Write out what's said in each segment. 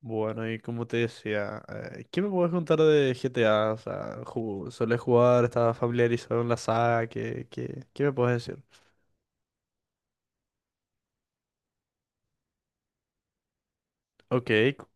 Bueno, y como te decía, ¿qué me puedes contar de GTA? O sea, ¿solés jugar? ¿Estás familiarizado en la saga? ¿Qué me puedes decir? Ok. cu-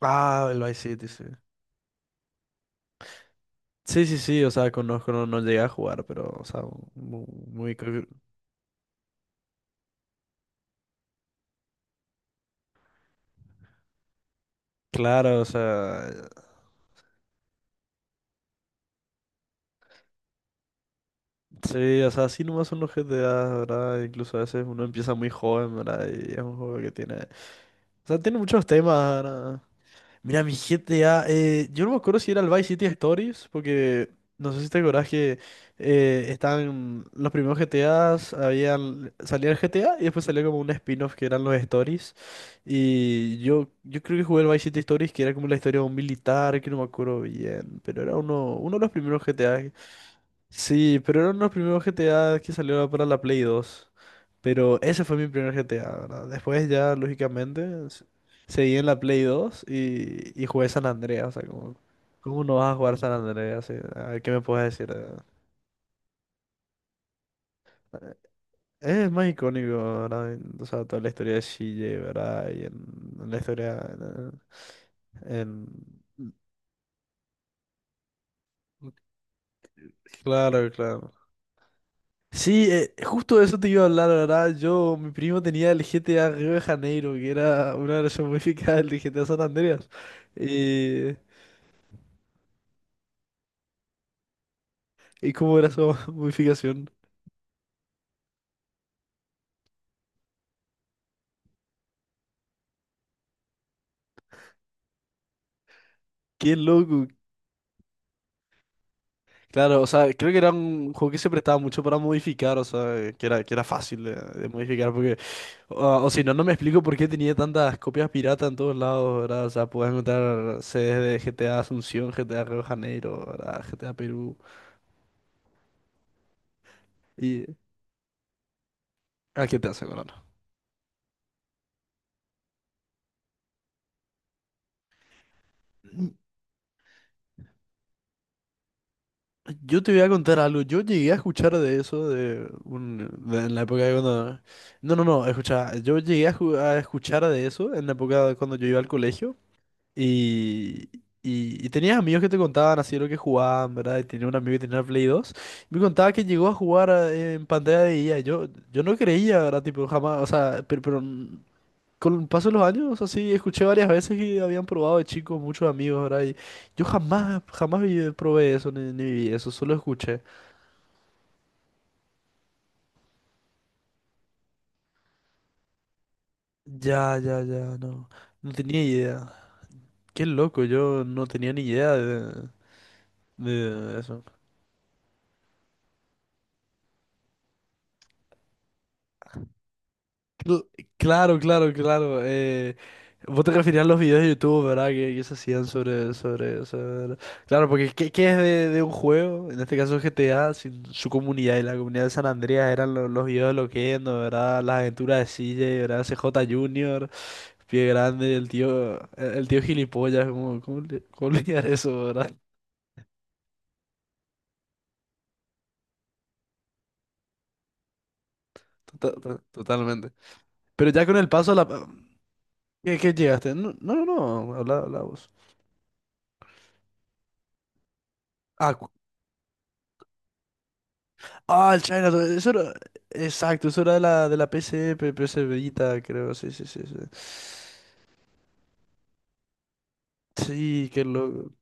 Ah, el Vice City, sí. Sí, sí, sí, o sea, conozco, no, no llegué a jugar, pero, o sea, muy, claro, o sea, sí, o sea, así nomás son los GTA, ¿verdad? Incluso a veces uno empieza muy joven, ¿verdad? Y es un juego que tiene, o sea, tiene muchos temas, ¿verdad? Mira, mi GTA, yo no me acuerdo si era el Vice City Stories, porque no sé si te acordás que estaban los primeros GTAs, habían, salía el GTA y después salía como un spin-off que eran los Stories. Y yo creo que jugué el Vice City Stories, que era como la historia de un militar, que no me acuerdo bien, pero era uno de los primeros GTA. Sí, pero eran los primeros GTA que salieron para la Play 2. Pero ese fue mi primer GTA, ¿verdad? Después ya, lógicamente, seguí en la Play 2 y jugué San Andreas. O sea, como, ¿cómo no vas a jugar San Andreas? Sí, a ver, ¿qué me puedes decir, eh? Es más icónico, ¿verdad? O sea, toda la historia de CJ, ¿verdad? Y en la historia... en- Claro, claro. Sí, justo de eso te iba a hablar, la, ¿verdad? Yo, mi primo tenía el GTA Río de Janeiro, que era una versión modificada del GTA San Andreas. Eh, ¿Y cómo era su modificación? ¡Qué loco! Claro, o sea, creo que era un juego que se prestaba mucho para modificar, o sea, que era fácil de modificar, porque o si no, no me explico por qué tenía tantas copias piratas en todos lados, ¿verdad? O sea, podías encontrar sedes de GTA Asunción, GTA Río de Janeiro, ¿verdad? GTA Perú y... ¿A qué te hace, Corona? Yo te voy a contar algo. Yo llegué a escuchar de eso en la época de cuando... No, no, no, escucha. Yo llegué a, a escuchar de eso en la época de cuando yo iba al colegio y, y tenías amigos que te contaban así lo que jugaban, ¿verdad? Y tenía un amigo que tenía el Play 2 y me contaba que llegó a jugar en pantalla de IA. Yo no creía, ¿verdad? Tipo, jamás, o sea, pero con el paso de los años, así, escuché varias veces que habían probado de chicos muchos amigos, ¿verdad? Y yo jamás, probé eso, ni viví eso, solo escuché. Ya, ya, ya, no. No tenía idea. Qué loco, yo no tenía ni idea de eso. Cl- Claro, claro, claro. Vos te referías a los videos de YouTube, ¿verdad? Que se hacían sobre... Claro, porque ¿qué es de un juego? En este caso G GTA, sin su comunidad y la comunidad de San Andreas eran los videos de Loquendo, ¿verdad? Las aventuras de CJ, ¿verdad? CJ Junior, Pie Grande, el tío, el tío gilipollas. ¿Cómo le llaman eso, ¿verdad? Totalmente. Pero ya con el paso a la... ¿Qué llegaste? No, no, no, habla, habla vos. Ah, el China, eso era. Exacto, eso era de la P S P PS Vita, creo. Sí, sí, sí, sí. Sí, qué loco.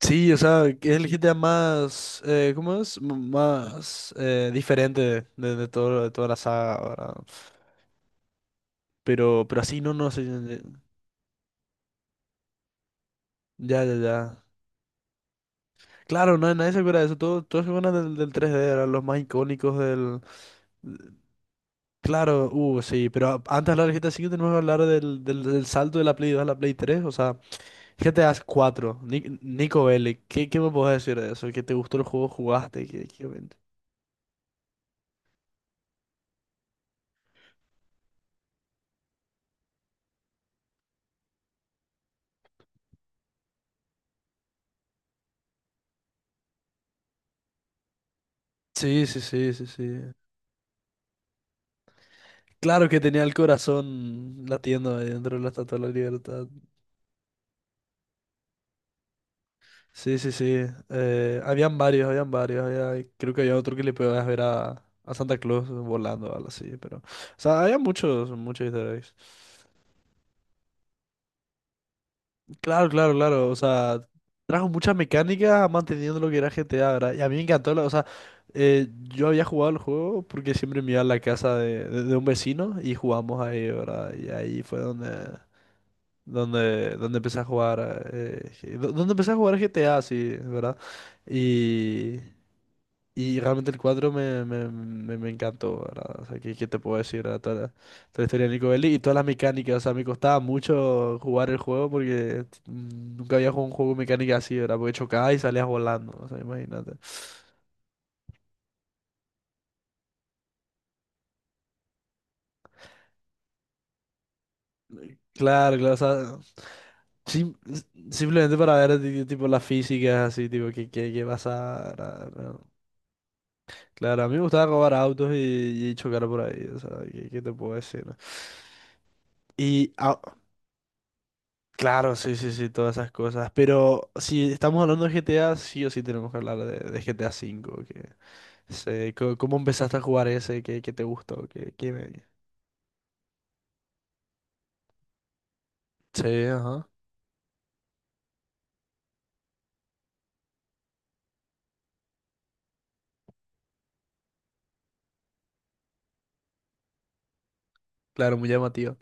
Sí, o sea, que es el GTA más. ¿Cómo es? Más diferente todo, de toda la saga, ¿verdad? Pero así no, no sé. Ya, ya, ya. Claro, no, nadie se acuerda de eso. Todos se acuerdan del 3D, eran los más icónicos del. Claro, sí, pero antes de hablar del GTA V tenemos que hablar del salto de la Play dos a la Play 3, o sea. ¿GTA 4? Nico Bellic, ¿qué me puedes decir de eso? ¿Qué te gustó el juego, jugaste? ¿Qué... Sí, sí, sí, sí, sí. Claro que tenía el corazón latiendo ahí dentro de la Estatua de la Libertad. Sí, sí, sí. Habían varios, habían varios. Creo que había otro que le podías ver a Santa Claus volando o algo así, pero... O sea, había muchos, muchos easter eggs. Claro, claro, claro. O sea, trajo muchas mecánicas manteniendo lo que era GTA, ¿verdad? Y a mí me encantó. O sea, eh, yo había jugado el juego porque siempre me iba a la casa de un vecino y jugamos ahí, ¿verdad? Y ahí fue donde empecé a jugar. Donde empecé a jugar GTA, sí, ¿verdad? Y y realmente el 4 me encantó, ¿verdad? O sea, ¿qué te puedo decir, ¿verdad? Toda la historia de Nico Bellic y todas las mecánicas. O sea, me costaba mucho jugar el juego porque nunca había jugado un juego con mecánica así, ¿verdad? Porque chocabas y salías volando, o sea, imagínate. Claro, claro, o sea, sim- simplemente para ver, tipo, las físicas así, tipo, qué pasa, ¿verdad? ¿No? Claro, a mí me gustaba robar autos y chocar por ahí, o sea, ¿qué te puedo decir, ¿no? Y claro, sí, sí, sí, todas esas cosas. Pero si estamos hablando de GTA, sí o sí tenemos que hablar de GTA V. Que, sé, ¿cómo empezaste a jugar ese? ¿Qué, ¿qué te gustó? ¿Qué me... Sí, ajá. Claro, muy llamativo.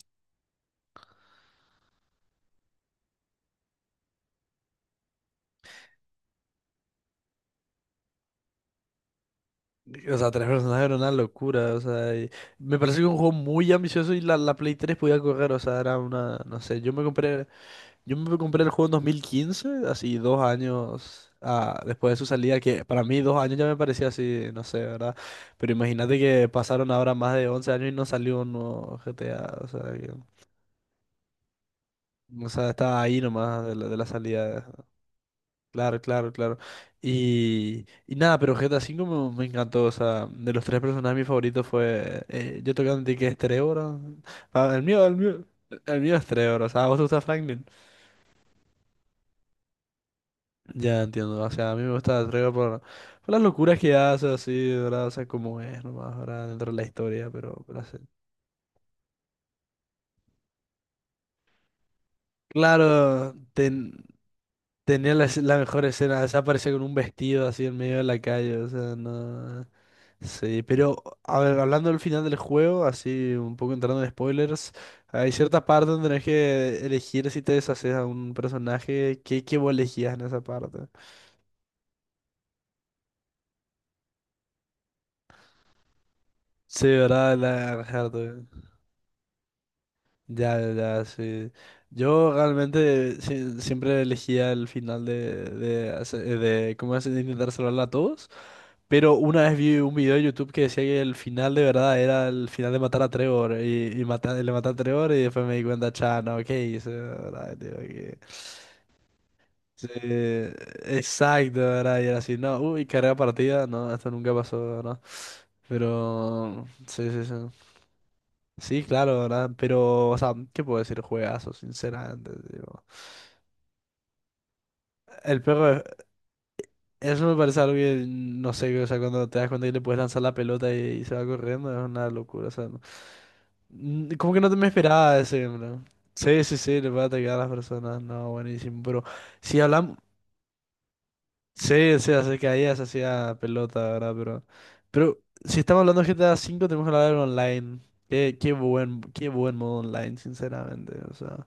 O sea, tres personajes era una locura. O sea, y me parece que un juego muy ambicioso y la Play 3 podía correr. O sea, era una, no sé, yo me compré. Yo me compré el juego en 2015, así dos años después de su salida, que para mí 2 años ya me parecía así, no sé, ¿verdad? Pero imagínate que pasaron ahora más de 11 años y no salió un nuevo GTA, o sea, o sea, estaba ahí nomás de la salida. Claro, claro, claro. Y nada, pero GTA 5 me encantó, o sea, de los tres personajes mi favorito fue, yo tengo que admitir que es Trevor, ¿no? El mío, el mío es Trevor, o sea, ¿a vos te gusta Franklin? Ya entiendo, o sea, a mí me gusta la traigo por las locuras que hace, así, ¿verdad? O sea, como es nomás, ¿verdad? Dentro de la historia, pero así. Claro, tenía la mejor escena, se aparece con un vestido así en medio de la calle, o sea, no... Sí, pero, a ver, hablando del final del juego, así, un poco entrando en spoilers, hay cierta parte donde tenés que elegir si te deshaces a un personaje. ¿Qué vos elegías en esa parte? Sí, ¿verdad? La... Ya, ya, ya, sí. Yo realmente siempre elegía el final de, ¿cómo es? De intentar salvarla a todos. Pero una vez vi un video de YouTube que decía que el final de verdad era el final de matar a Trevor. Y le maté a Trevor y después me di cuenta, cha, no, ¿qué hice? ¿Verdad? Digo que... Sí, exacto, ¿verdad? Y era así, no, uy, carrera partida, no, esto nunca pasó, ¿no? Pero, sí, sí, sí. Sí, claro, ¿verdad? Pero, o sea, ¿qué puedo decir? Juegazo, sinceramente, digo. El perro, eso me parece algo que, no sé, o sea, cuando te das cuenta que le puedes lanzar la pelota y se va corriendo, es una locura, o sea, no... Como que no te me esperaba ese, ¿no? Sí, sí, sí, le puede atacar a las personas, no, buenísimo, pero si hablamos, sí, sí, hace que ahí se hacía pelota, ¿verdad? Pero si estamos hablando de GTA V, tenemos que hablar del online. Qué buen, qué buen modo online, sinceramente, o sea.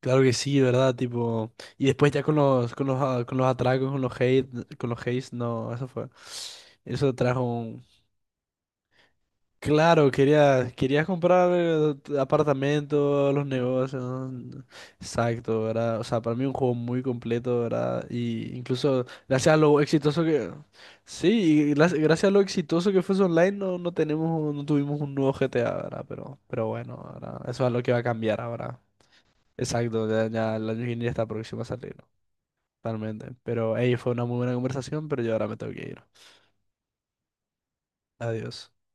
Claro que sí, ¿verdad? Tipo, y después ya con los atracos, con los hate, con los hates, no, eso fue, eso trajo un... Claro, querías, querías comprar apartamentos, los negocios, ¿no? Exacto, ¿verdad? O sea, para mí un juego muy completo, ¿verdad? Y incluso gracias a lo exitoso que, sí, y gracias a lo exitoso que fue su online, no, no tenemos, no tuvimos un nuevo GTA, ¿verdad? Pero bueno, ¿verdad? Eso es lo que va a cambiar ahora. Exacto, ya el año que viene ya está próximo a salir, ¿no? Totalmente. Pero, hey, fue una muy buena conversación, pero yo ahora me tengo que ir. Adiós.